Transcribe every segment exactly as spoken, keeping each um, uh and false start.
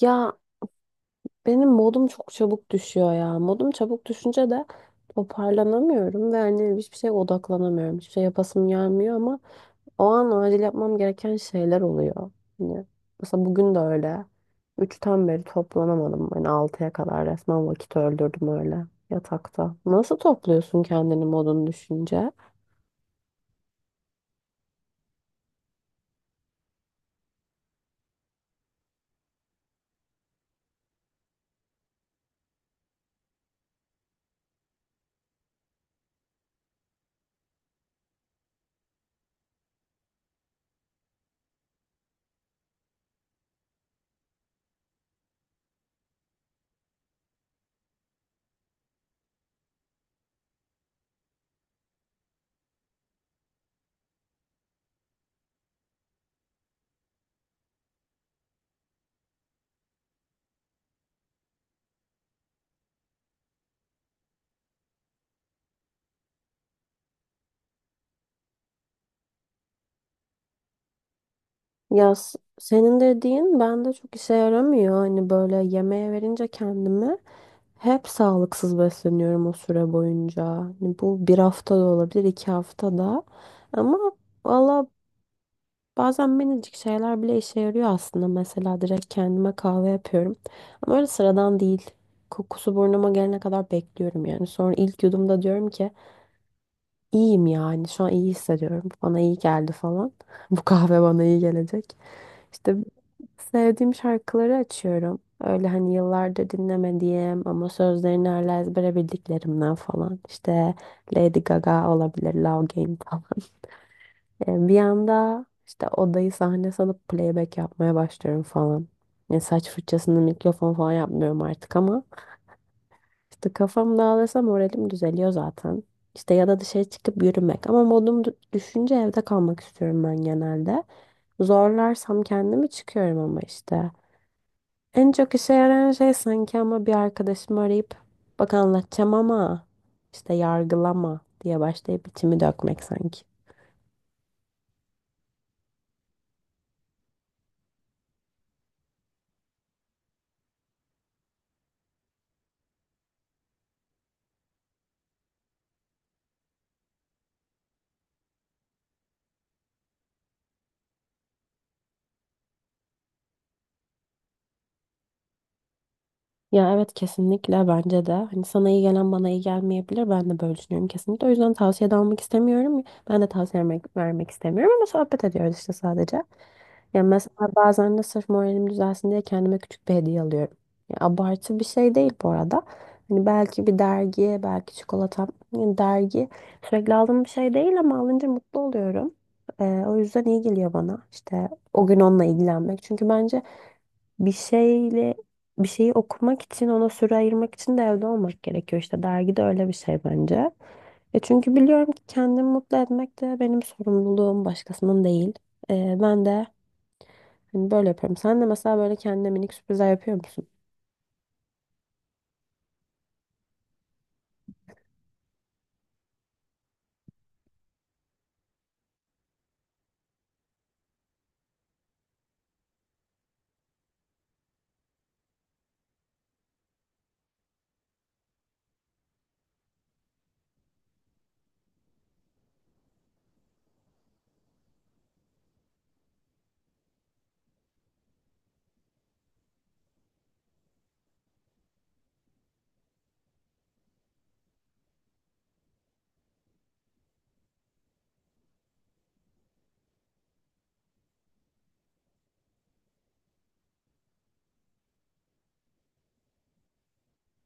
Ya benim modum çok çabuk düşüyor ya. Modum çabuk düşünce de toparlanamıyorum ve hani hiçbir şeye odaklanamıyorum. Hiçbir şey yapasım gelmiyor ama o an acil yapmam gereken şeyler oluyor. Hani mesela bugün de öyle. Üçten beri toplanamadım. Hani altıya kadar resmen vakit öldürdüm öyle yatakta. Nasıl topluyorsun kendini modun düşünce? Ya s- senin dediğin bende çok işe yaramıyor. Hani böyle yemeğe verince kendimi. Hep sağlıksız besleniyorum o süre boyunca. Hani bu bir hafta da olabilir, iki hafta da. Ama valla bazen minicik şeyler bile işe yarıyor aslında. Mesela direkt kendime kahve yapıyorum. Ama öyle sıradan değil. Kokusu burnuma gelene kadar bekliyorum yani. Sonra ilk yudumda diyorum ki iyiyim, yani şu an iyi hissediyorum. Bana iyi geldi falan. Bu kahve bana iyi gelecek. İşte sevdiğim şarkıları açıyorum. Öyle hani yıllardır dinlemediğim ama sözlerini hala ezbere bildiklerimden falan. İşte Lady Gaga olabilir, Love Game falan. E, Bir anda işte odayı sahne sanıp playback yapmaya başlıyorum falan. Yani saç fırçasını mikrofon falan yapmıyorum artık ama işte kafam dağılırsa moralim düzeliyor zaten. İşte ya da dışarı çıkıp yürümek, ama modum dü- düşünce evde kalmak istiyorum ben genelde. Zorlarsam kendimi çıkıyorum ama işte. En çok işe yarayan şey sanki ama, bir arkadaşımı arayıp bak anlatacağım ama işte yargılama diye başlayıp içimi dökmek sanki. Ya evet kesinlikle bence de. Hani sana iyi gelen bana iyi gelmeyebilir. Ben de böyle düşünüyorum kesinlikle. O yüzden tavsiye de almak istemiyorum. Ben de tavsiye vermek, vermek istemiyorum ama sohbet ediyoruz işte sadece. Ya mesela bazen de sırf moralim düzelsin diye kendime küçük bir hediye alıyorum. Ya abartı bir şey değil bu arada. Hani belki bir dergi, belki çikolata, yani dergi sürekli aldığım bir şey değil ama alınca mutlu oluyorum. Ee, o yüzden iyi geliyor bana işte o gün onunla ilgilenmek. Çünkü bence bir şeyle bir şeyi okumak için, ona süre ayırmak için de evde olmak gerekiyor. İşte dergi de öyle bir şey bence. E çünkü biliyorum ki kendimi mutlu etmek de benim sorumluluğum, başkasının değil. E, ben de hani böyle yapıyorum. Sen de mesela böyle kendine minik sürprizler yapıyor musun?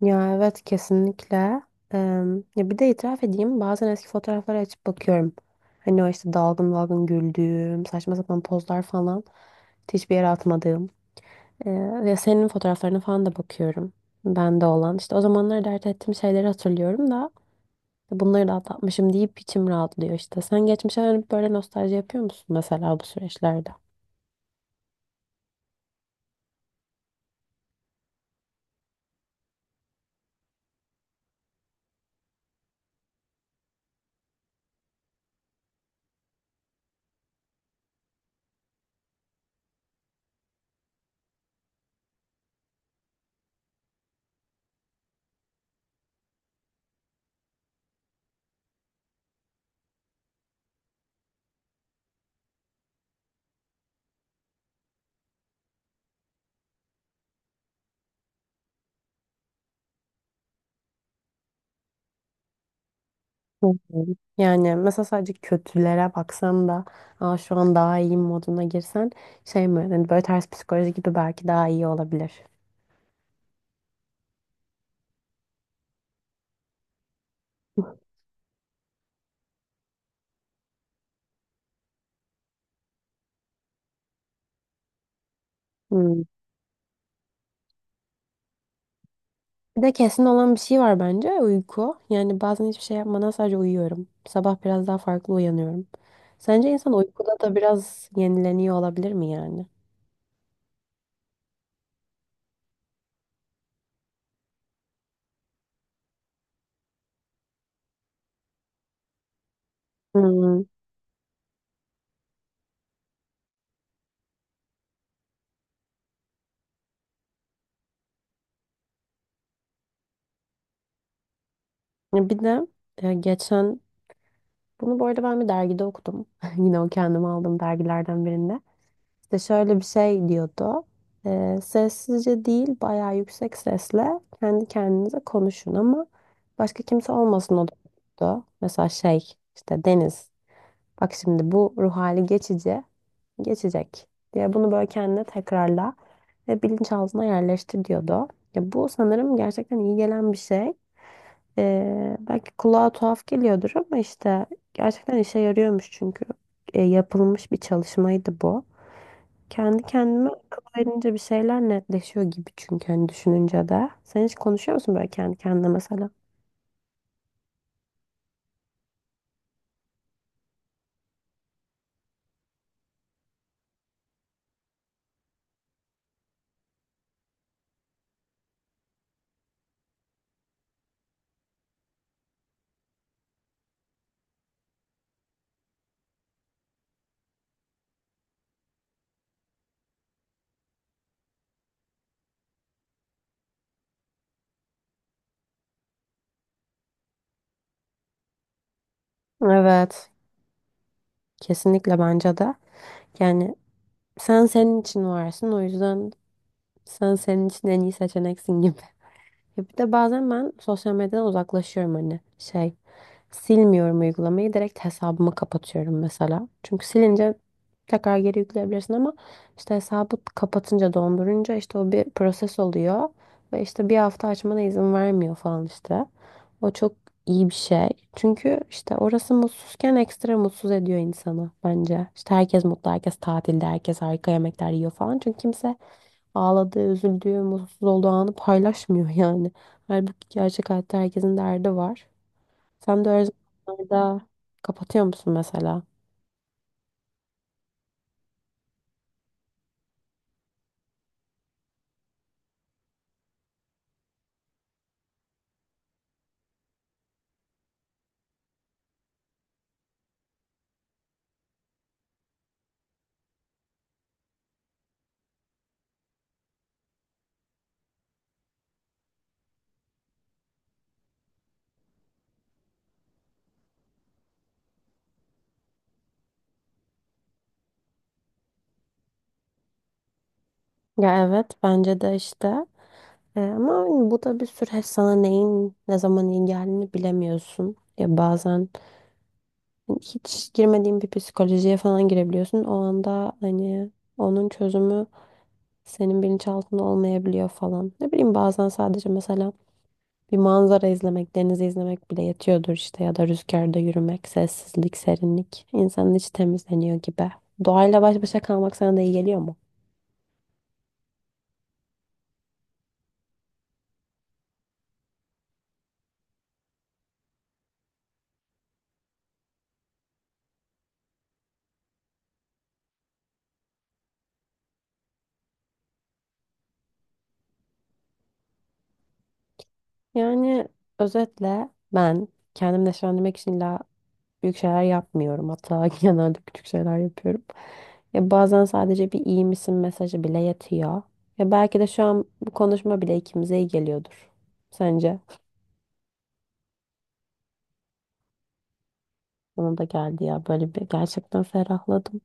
Ya evet kesinlikle. Eee, ya bir de itiraf edeyim, bazen eski fotoğrafları açıp bakıyorum. Hani o işte dalgın dalgın güldüğüm, saçma sapan pozlar falan, hiçbir yere atmadığım. Ee, ya senin fotoğraflarına falan da bakıyorum. Bende olan. İşte o zamanlar dert ettiğim şeyleri hatırlıyorum da bunları da atlatmışım deyip içim rahatlıyor işte. Sen geçmişe dönüp böyle nostalji yapıyor musun mesela bu süreçlerde? Hı hı. Yani mesela sadece kötülere baksan da, Aa, şu an daha iyiyim moduna girsen, şey mi, hani böyle ters psikoloji gibi belki daha iyi olabilir. Hmm. Bir de kesin olan bir şey var bence: uyku. Yani bazen hiçbir şey yapmadan sadece uyuyorum. Sabah biraz daha farklı uyanıyorum. Sence insan uykuda da biraz yenileniyor olabilir mi yani? Hmm. Ya bir de e, geçen, bunu bu arada ben bir dergide okudum. Yine o kendime aldığım dergilerden birinde. İşte şöyle bir şey diyordu. Ee, sessizce değil, bayağı yüksek sesle kendi kendinize konuşun ama başka kimse olmasın, o da. Mesela şey işte, Deniz, bak şimdi bu ruh hali geçici, geçecek diye bunu böyle kendine tekrarla ve bilinçaltına yerleştir diyordu. Ya bu sanırım gerçekten iyi gelen bir şey. Ee, belki kulağa tuhaf geliyordur ama işte gerçekten işe yarıyormuş, çünkü e, yapılmış bir çalışmaydı bu. Kendi kendime akıl verince bir şeyler netleşiyor gibi, çünkü hani düşününce de. Sen hiç konuşuyor musun böyle kendi kendine mesela? Evet. Kesinlikle bence de. Yani sen senin için varsın, o yüzden sen senin için en iyi seçeneksin gibi. Ya bir de bazen ben sosyal medyadan uzaklaşıyorum, hani şey, silmiyorum uygulamayı, direkt hesabımı kapatıyorum mesela. Çünkü silince tekrar geri yükleyebilirsin ama işte hesabı kapatınca, dondurunca işte o bir proses oluyor ve işte bir hafta açmana izin vermiyor falan işte. O çok iyi bir şey. Çünkü işte orası, mutsuzken ekstra mutsuz ediyor insanı bence. İşte herkes mutlu, herkes tatilde, herkes harika yemekler yiyor falan. Çünkü kimse ağladığı, üzüldüğü, mutsuz olduğu anı paylaşmıyor yani. Halbuki gerçek hayatta herkesin derdi var. Sen de öyle zamanlarda kapatıyor musun mesela? Ya evet bence de işte. E, ama hani bu da bir süreç, sana neyin ne zaman iyi geldiğini bilemiyorsun. Ya bazen hani hiç girmediğin bir psikolojiye falan girebiliyorsun. O anda hani onun çözümü senin bilinçaltında olmayabiliyor falan. Ne bileyim, bazen sadece mesela bir manzara izlemek, denizi izlemek bile yetiyordur işte, ya da rüzgarda yürümek, sessizlik, serinlik. İnsanın içi temizleniyor gibi. Doğayla baş başa kalmak sana da iyi geliyor mu? Yani özetle ben kendimi neşelendirmek için illa büyük şeyler yapmıyorum. Hatta genelde küçük şeyler yapıyorum. Ya bazen sadece bir iyi misin mesajı bile yetiyor. Ya belki de şu an bu konuşma bile ikimize iyi geliyordur. Sence? Bana da geldi ya, böyle bir, gerçekten ferahladım.